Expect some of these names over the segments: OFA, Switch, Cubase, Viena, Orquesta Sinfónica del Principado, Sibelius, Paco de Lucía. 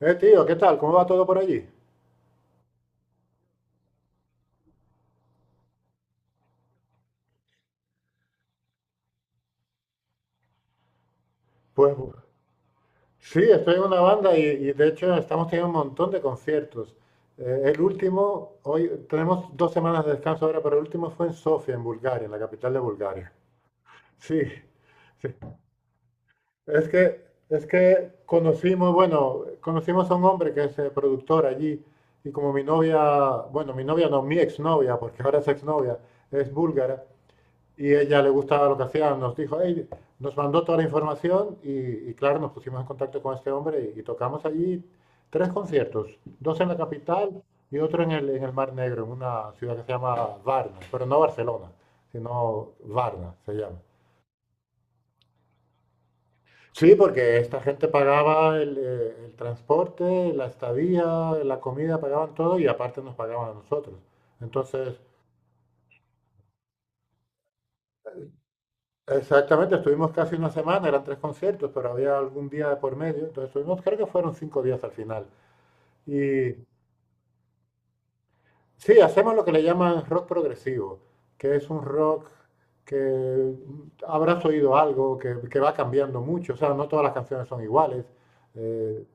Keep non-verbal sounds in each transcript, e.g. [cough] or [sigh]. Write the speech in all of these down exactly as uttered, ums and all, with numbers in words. Eh, tío, ¿qué tal? ¿Cómo va todo por allí? Pues sí, estoy en una banda y, y de hecho estamos teniendo un montón de conciertos. Eh, el último, hoy tenemos dos semanas de descanso ahora, pero el último fue en Sofía, en Bulgaria, en la capital de Bulgaria. Sí, sí. Es que, es que conocimos, bueno, conocimos a un hombre que es eh, productor allí y como mi novia, bueno, mi novia no, mi exnovia, porque ahora es exnovia, es búlgara. Y ella le gustaba lo que hacía, nos dijo, "Ey", nos mandó toda la información y, y claro, nos pusimos en contacto con este hombre y, y tocamos allí tres conciertos, dos en la capital y otro en el, en el Mar Negro, en una ciudad que se llama Varna, pero no Barcelona, sino Varna se llama. Sí, porque esta gente pagaba el, eh, el transporte, la estadía, la comida, pagaban todo y aparte nos pagaban a nosotros. Entonces, exactamente, estuvimos casi una semana, eran tres conciertos, pero había algún día de por medio, entonces estuvimos, creo que fueron cinco días al final. Y sí, hacemos lo que le llaman rock progresivo, que es un rock que habrás oído algo, que, que va cambiando mucho, o sea, no todas las canciones son iguales. Eh,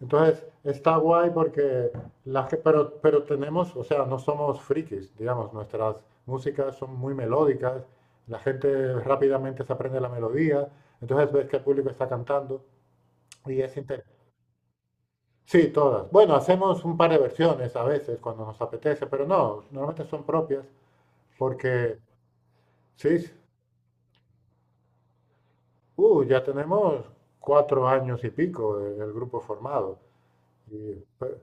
Entonces, está guay porque la, ge- pero, pero tenemos, o sea, no somos frikis, digamos, nuestras músicas son muy melódicas, la gente rápidamente se aprende la melodía, entonces ves que el público está cantando y es interesante. Sí, todas. Bueno, hacemos un par de versiones a veces cuando nos apetece, pero no, normalmente son propias porque, sí, sí. uh, ya tenemos cuatro años y pico el, el grupo formado. Y, pe-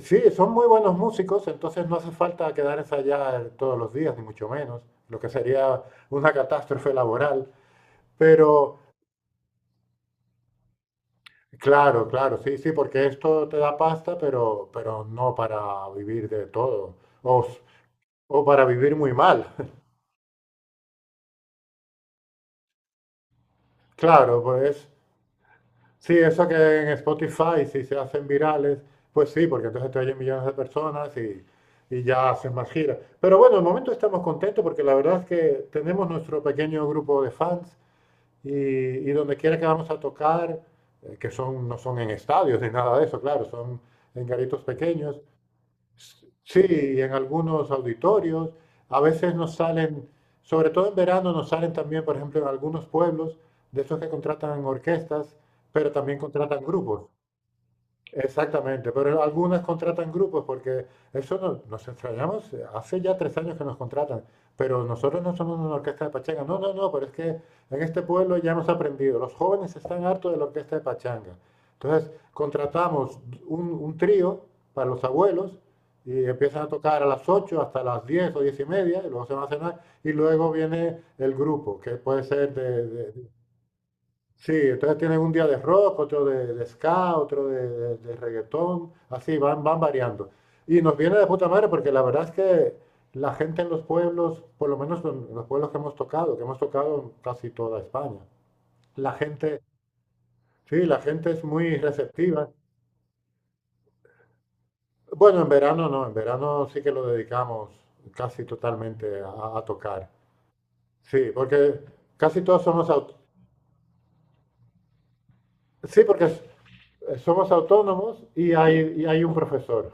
Sí, son muy buenos músicos, entonces no hace falta quedar ensayar todos los días, ni mucho menos, lo que sería una catástrofe laboral. Pero claro, claro, sí, sí, porque esto te da pasta, pero, pero no para vivir de todo, o, s- o para vivir muy mal. [laughs] Claro, pues sí, eso que en Spotify, si se hacen virales, pues sí, porque entonces te oyen millones de personas y, y ya haces más giras. Pero bueno, de momento estamos contentos porque la verdad es que tenemos nuestro pequeño grupo de fans. Y, y donde quiera que vamos a tocar, eh, que son, no son en estadios ni nada de eso, claro, son en garitos pequeños, sí, y en algunos auditorios. A veces nos salen, sobre todo en verano, nos salen también, por ejemplo, en algunos pueblos, de esos que contratan orquestas, pero también contratan grupos. Exactamente, pero algunas contratan grupos porque eso no- nos extrañamos, eh, hace ya tres años que nos contratan, pero nosotros no somos una orquesta de pachanga, no, no, no, pero es que en este pueblo ya hemos aprendido, los jóvenes están hartos de la orquesta de pachanga. Entonces contratamos un, un trío para los abuelos y empiezan a tocar a las ocho hasta las diez o diez y media, y luego se van a cenar, y luego viene el grupo, que puede ser de, de. Sí, entonces tienen un día de rock, otro de, de ska, otro de, de- de reggaetón, así van, van variando. Y nos viene de puta madre porque la verdad es que la gente en los pueblos, por lo menos en los pueblos que hemos tocado, que hemos tocado en casi toda España, la gente, sí, la gente es muy receptiva. Bueno, en verano no, en verano sí que lo dedicamos casi totalmente a, a tocar. Sí, porque casi todos somos aut- Sí, porque eh, somos autónomos y hay, y hay un profesor.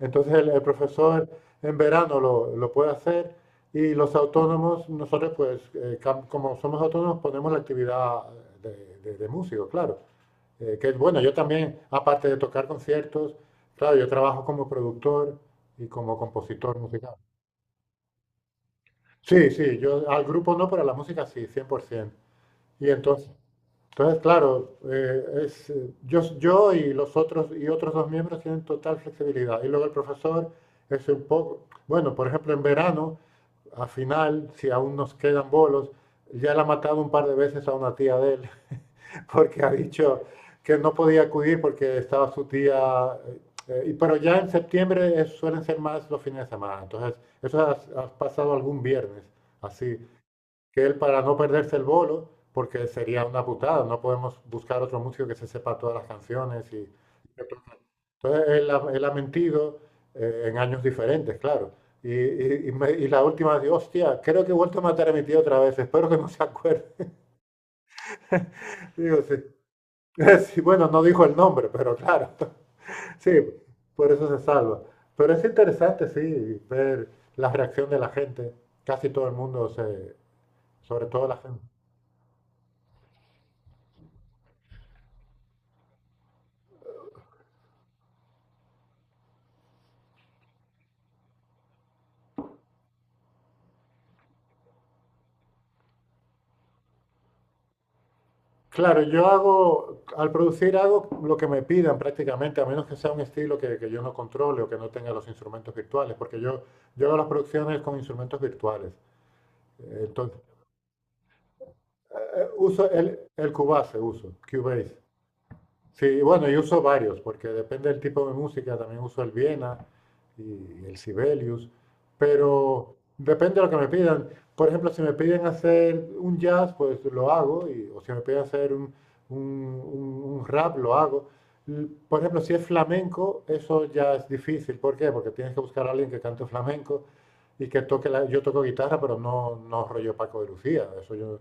Entonces el, el profesor en verano lo, lo puede hacer y los autónomos, nosotros pues eh, como somos autónomos ponemos la actividad de, de, de músico, claro. Eh, que es bueno, yo también, aparte de tocar conciertos, claro, yo trabajo como productor y como compositor musical. Sí, sí, yo al grupo no, pero a la música sí, cien por ciento. Y entonces... Entonces, claro, eh, es, eh, yo, yo y los otros y otros dos miembros tienen total flexibilidad. Y luego el profesor es un poco, bueno, por ejemplo, en verano, a final, si aún nos quedan bolos, ya le ha matado un par de veces a una tía de él, [laughs] porque ha dicho que no podía acudir porque estaba su tía. eh, y- pero ya en septiembre es- suelen ser más los fines de semana. Entonces, eso ha pasado algún viernes, así que él para no perderse el bolo, porque sería una putada, no podemos buscar otro músico que se sepa todas las canciones. Y... Entonces él, ha- él ha mentido eh, en años diferentes, claro. Y, y- y me- y la última, digo, hostia, creo que he vuelto a matar a mi tío otra vez, espero que no se acuerde. [laughs] Digo, sí. [laughs] Sí, bueno, no dijo el nombre, pero claro, [laughs] sí, por eso se salva. Pero es interesante, sí, ver la reacción de la gente. Casi todo el mundo se, sobre todo la gente. Claro, yo hago, al producir hago lo que me pidan prácticamente, a menos que sea un estilo que, que yo no controle o que no tenga los instrumentos virtuales, porque yo, yo hago las producciones con instrumentos virtuales. Eh, Entonces, eh, eh, uso el, el Cubase, uso, Cubase. Sí, bueno, yo uso varios, porque depende del tipo de música, también uso el Viena y el Sibelius, pero depende de lo que me pidan. Por ejemplo, si me piden hacer un jazz, pues lo hago, y- o si me piden hacer un, un- un- un rap, lo hago. L- Por ejemplo, si es flamenco, eso ya es difícil. ¿Por qué? Porque tienes que buscar a alguien que cante flamenco y que toque la... Yo toco guitarra, pero no, no rollo Paco de Lucía. Eso yo.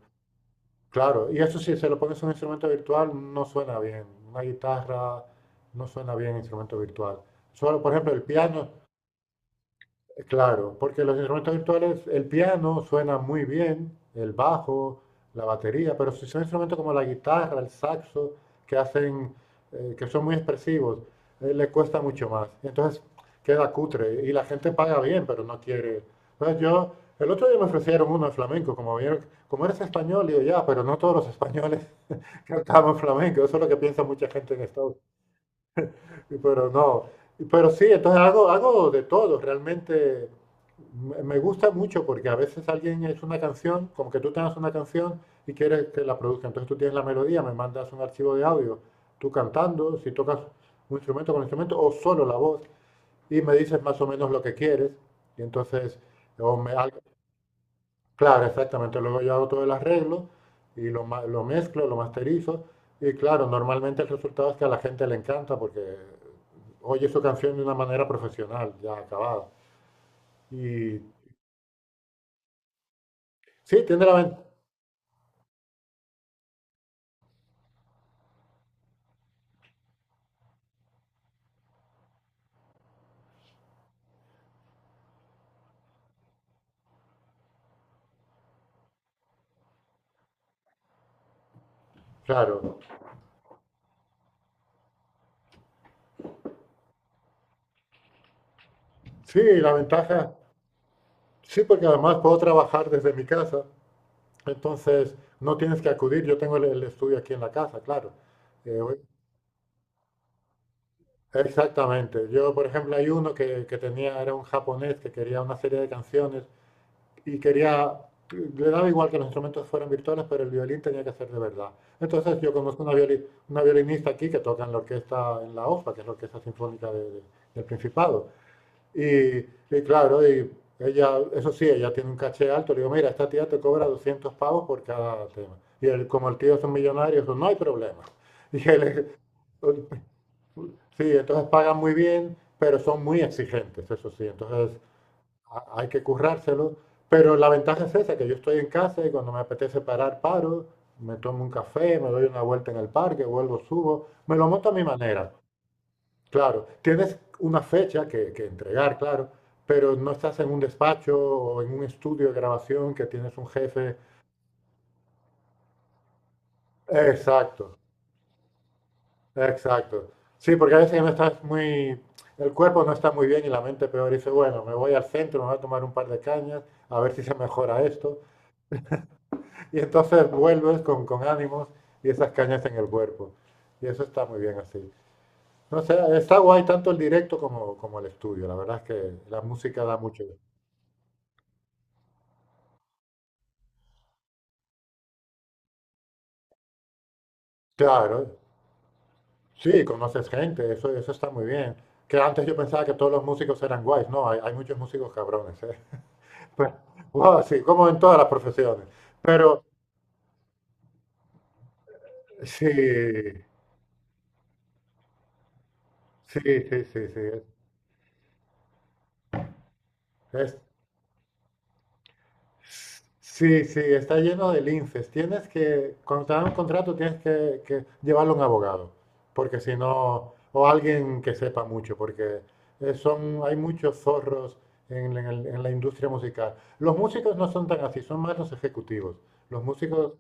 Claro, y eso sí, se lo pones a un instrumento virtual, no suena bien. Una guitarra no suena bien instrumento virtual. Solo, por ejemplo, el piano, eh, claro, porque los instrumentos virtuales, el piano suena muy bien, el bajo, la batería, pero si son instrumentos como la guitarra, el saxo, que hacen, eh, que son muy expresivos, eh, le cuesta mucho más. Entonces queda cutre y la gente paga bien, pero no quiere. Entonces yo, el otro día me ofrecieron uno de flamenco, como vieron, como eres español, digo ya, pero no todos los españoles. Cantamos flamenco, eso es lo que piensa mucha gente en Estados Unidos, pero no. Pero sí, entonces hago, hago de todo, realmente me me gusta mucho porque a veces alguien es una canción, como que tú tengas una canción y quieres que la produzca, entonces tú tienes la melodía, me mandas un archivo de audio, tú cantando, si tocas un instrumento con instrumento o solo la voz y me dices más o menos lo que quieres y entonces o me- al- Claro, exactamente. Luego yo hago todo el arreglo y lo, ma- lo mezclo, lo masterizo. Y claro, normalmente el resultado es que a la gente le encanta porque oye su canción de una manera profesional, ya acabada. Y sí, tiene la ventaja. Claro, sí, la ventaja. Sí, porque además puedo trabajar desde mi casa. Entonces no tienes que acudir. Yo tengo el, el estudio aquí en la casa, claro. Eh, o- exactamente. Yo, por ejemplo, hay uno que, que tenía, era un japonés que quería una serie de canciones. Y quería, le daba igual que los instrumentos fueran virtuales, pero el violín tenía que ser de verdad. Entonces yo conozco una, violi- una violinista aquí que toca en la orquesta, en la OFA, que es la Orquesta Sinfónica de- de- del Principado. Y, y claro, y ella, eso sí, ella tiene un caché alto. Le digo, mira, esta tía te cobra doscientos pavos por cada tema. Y él, como el tío es un millonario, dijo, no hay problema. [laughs] Y él, sí, entonces pagan muy bien, pero son muy exigentes, eso sí. Entonces a- hay que currárselo, pero la ventaja es esa, que yo estoy en casa y cuando me apetece parar, paro, me tomo un café, me doy una vuelta en el parque, vuelvo, subo, me lo monto a mi manera. Claro, tienes una fecha que, que entregar, claro, pero no estás en un despacho o en un estudio de grabación que tienes un jefe. Exacto, exacto. Sí, porque a veces no estás muy, el cuerpo no está muy bien y la mente peor. Y dice, bueno, me voy al centro, me voy a tomar un par de cañas, a ver si se mejora esto. Y entonces vuelves con, con ánimos y esas cañas en el cuerpo. Y eso está muy bien así. No sé, está guay tanto el directo como, como el estudio. La verdad es que la música da mucho. Claro, sí, conoces gente, eso, eso está muy bien. Que antes yo pensaba que todos los músicos eran guays. No, hay, hay muchos músicos cabrones, ¿eh? [laughs] Pero, wow, sí, como en todas las profesiones. Pero sí, sí, sí, sí, sí. Es, Sí, sí, está lleno de linces. Tienes que, cuando te dan un contrato, tienes que, que llevarlo a un abogado, porque si no, o alguien que sepa mucho, porque eh, son, hay muchos zorros en, la- en el- en la industria musical. Los músicos no son tan así, son más los ejecutivos. Los músicos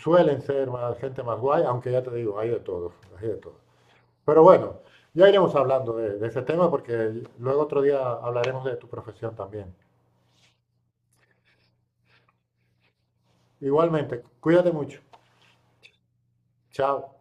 suelen ser más, gente más guay, aunque ya te digo, hay de todo, hay de todo. Pero bueno, ya iremos hablando de, de ese tema, porque luego otro día hablaremos de tu profesión también. Igualmente, cuídate mucho. Chao.